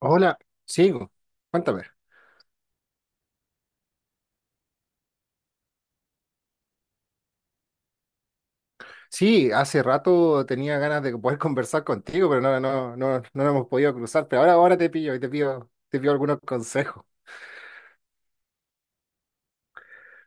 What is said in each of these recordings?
Hola, sigo. Cuéntame. Sí, hace rato tenía ganas de poder conversar contigo, pero no nos hemos podido cruzar. Pero ahora te pillo y te pido algunos consejos.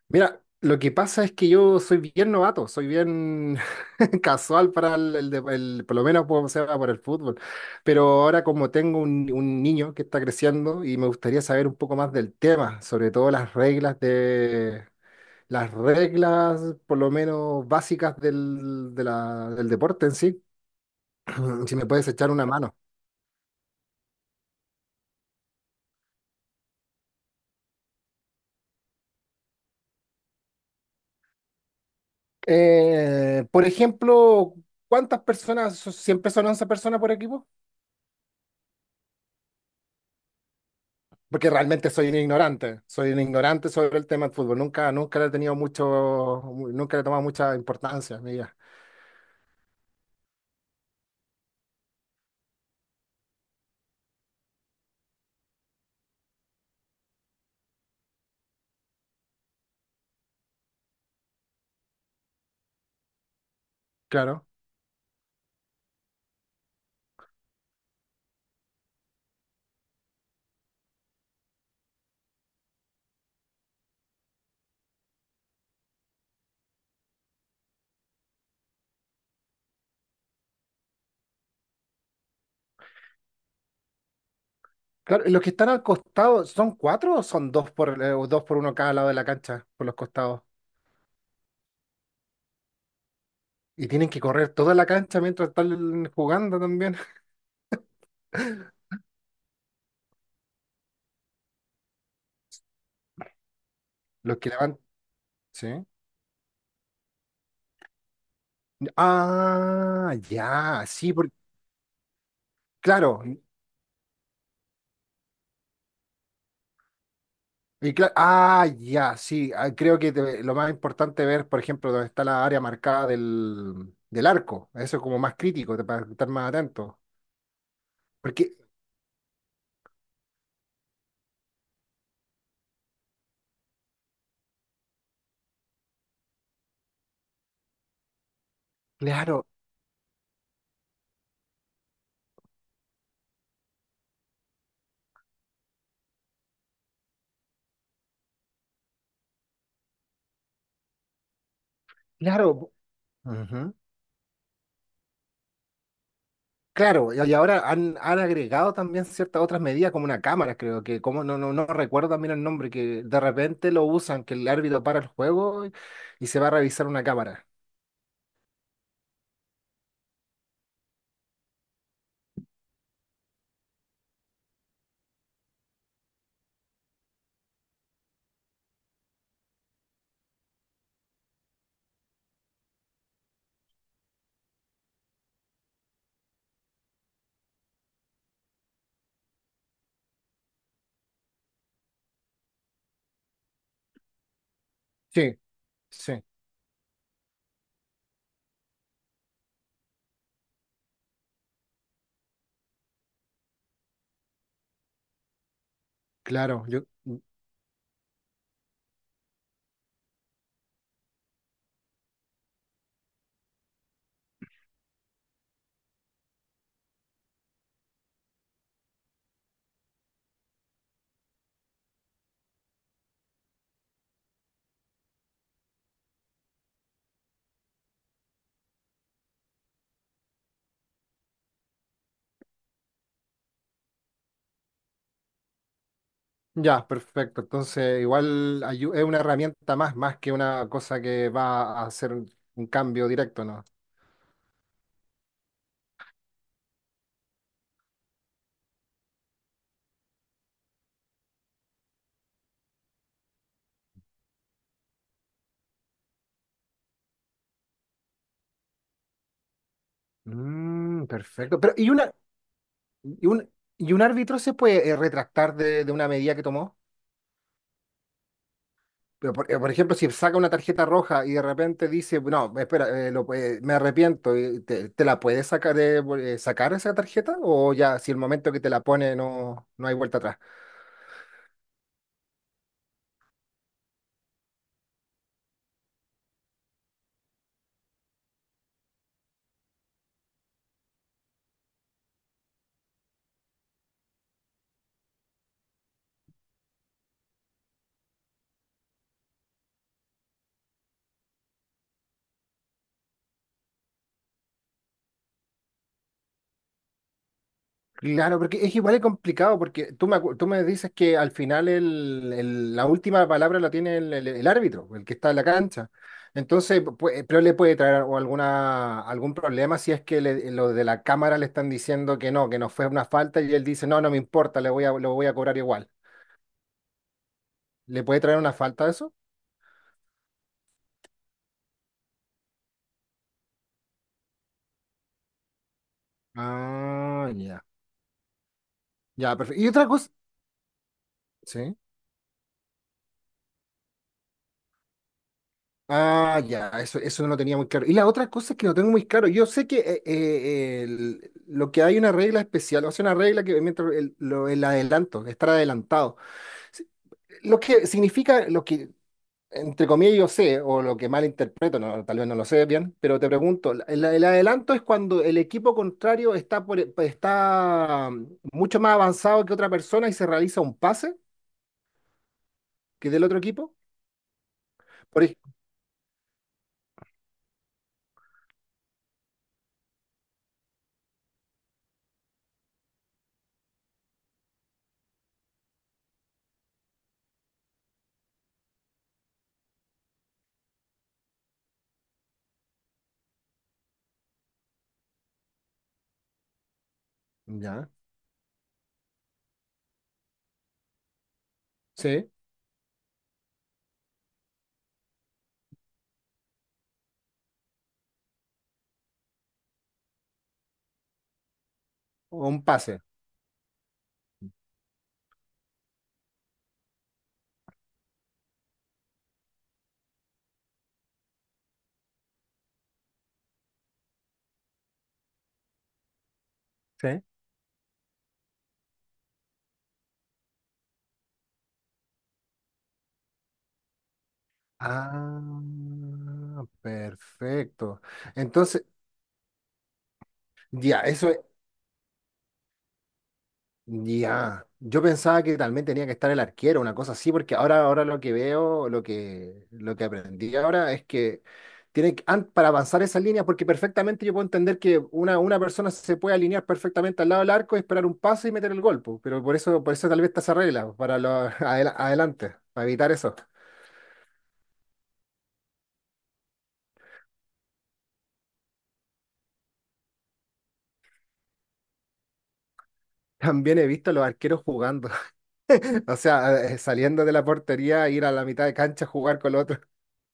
Mira, lo que pasa es que yo soy bien novato, soy bien casual para por lo menos por, o sea, para el fútbol. Pero ahora como tengo un niño que está creciendo y me gustaría saber un poco más del tema, sobre todo las reglas las reglas, por lo menos básicas del deporte en sí, si me puedes echar una mano. Por ejemplo, ¿cuántas personas? ¿Siempre son 11 personas por equipo? Porque realmente soy un ignorante sobre el tema del fútbol. Nunca le he tenido nunca le he tomado mucha importancia en mi vida. Claro. Claro, ¿y los que están al costado son cuatro o son dos por, o dos por uno cada lado de la cancha, por los costados? Y tienen que correr toda la cancha mientras están jugando también. Los que levantan. Sí. Ah, ya, sí, porque, claro. Y ah, ya, sí. Ah, creo que lo más importante ver, por ejemplo, dónde está la área marcada del arco. Eso es como más crítico, para estar más atento. Porque, claro, claro. Ujú. Claro, y ahora han, han agregado también ciertas otras medidas, como una cámara, creo que, como no recuerdo también el nombre, que de repente lo usan, que el árbitro para el juego y se va a revisar una cámara. Sí, sí, claro. Yo, ya, perfecto. Entonces, igual es una herramienta más, más que una cosa que va a hacer un cambio directo, ¿no? Mm, perfecto. Pero, y un, ¿y un árbitro se puede retractar de una medida que tomó? Pero por ejemplo, si saca una tarjeta roja y de repente dice, no, espera, me arrepiento, y ¿te, te la puedes sacar, sacar esa tarjeta? ¿O ya si el momento que te la pone no, no hay vuelta atrás? Claro, porque es igual de complicado, porque tú me, tú me dices que al final la última palabra la tiene el árbitro, el que está en la cancha. Entonces, pero le puede traer o alguna, algún problema si es que lo de la cámara le están diciendo que no fue una falta y él dice, no, no me importa, le voy a, lo voy a cobrar igual. ¿Le puede traer una falta a eso? Ah, ya. Ya, perfecto. Y otra cosa, sí. Ah, ya, eso no lo tenía muy claro. Y la otra cosa es que no tengo muy claro. Yo sé que lo que hay una regla especial, o sea, una regla que mientras el adelanto, estar adelantado. Si- Lo que significa, lo que entre comillas yo sé, o lo que mal interpreto, no, tal vez no lo sé bien, pero te pregunto, el adelanto es cuando el equipo contrario está, está mucho más avanzado que otra persona y se realiza un pase que del otro equipo. Por ej- ya, sí, o un pase. Ah, perfecto. Entonces, ya, eso es, ya. Yo pensaba que también tenía que estar el arquero, una cosa así, porque ahora lo que veo, lo que aprendí ahora es que para avanzar esa línea, porque perfectamente yo puedo entender que una persona se puede alinear perfectamente al lado del arco, esperar un paso y meter el golpe, pero por eso tal vez está esa regla, para lo, adelante, para evitar eso. También he visto a los arqueros jugando. O sea, saliendo de la portería, ir a la mitad de cancha a jugar con los otros.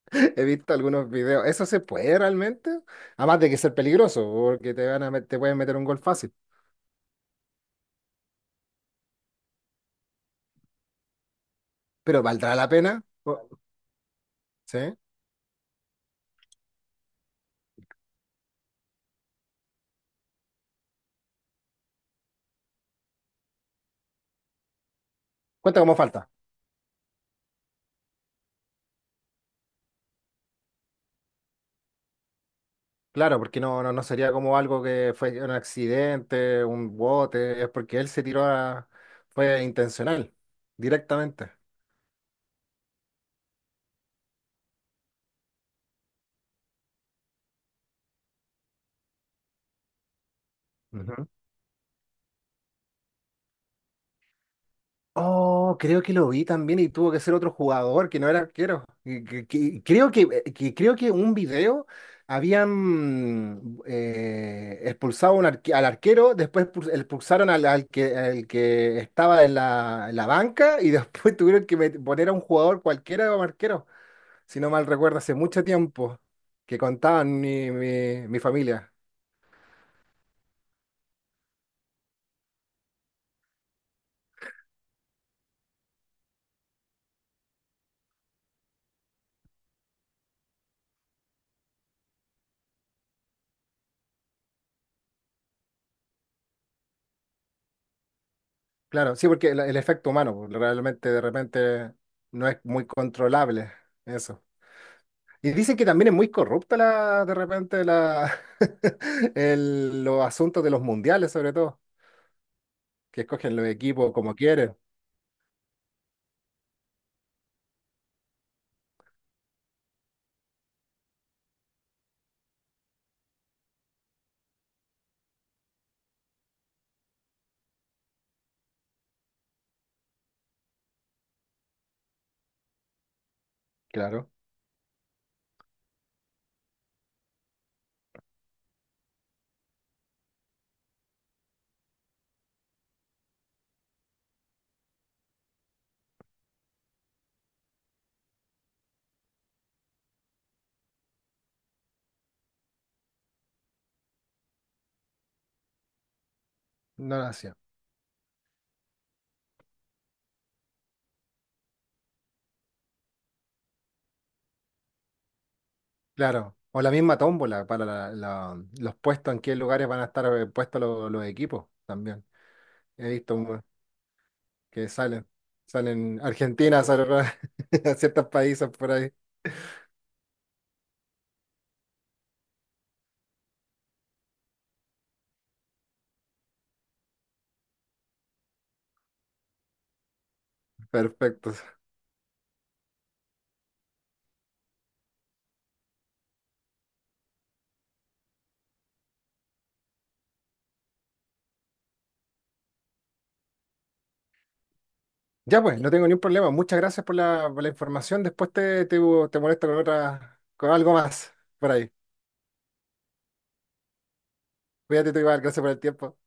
He visto algunos videos. ¿Eso se puede realmente? Además de que ser peligroso, porque te van a te pueden meter un gol fácil. Pero ¿valdrá la pena? O... ¿Sí? Cuenta como falta. Claro, porque no sería como algo que fue un accidente, un bote, es porque él se tiró a... fue intencional, directamente. Ujú. Oh, creo que lo vi también y tuvo que ser otro jugador que no era arquero. Creo que, creo que un video habían expulsado un al arquero, después expulsaron al que estaba en en la banca y después tuvieron que poner a un jugador cualquiera como arquero. Si no mal recuerdo, hace mucho tiempo que contaban mi familia. Claro, sí, porque el efecto humano pues, realmente de repente no es muy controlable eso. Y dicen que también es muy corrupta la, de repente la, el- los asuntos de los mundiales, sobre todo, que escogen los equipos como quieren. Claro, no lo hacía. Claro. O la misma tómbola para los puestos, en qué lugares van a estar puestos los equipos también. He visto un- que salen, salen Argentina, salen a ciertos países por ahí. Perfecto. Ya pues, no tengo ningún problema. Muchas gracias por la información. Después te molesto con otra, con algo más por ahí. Cuídate tú igual, gracias por el tiempo.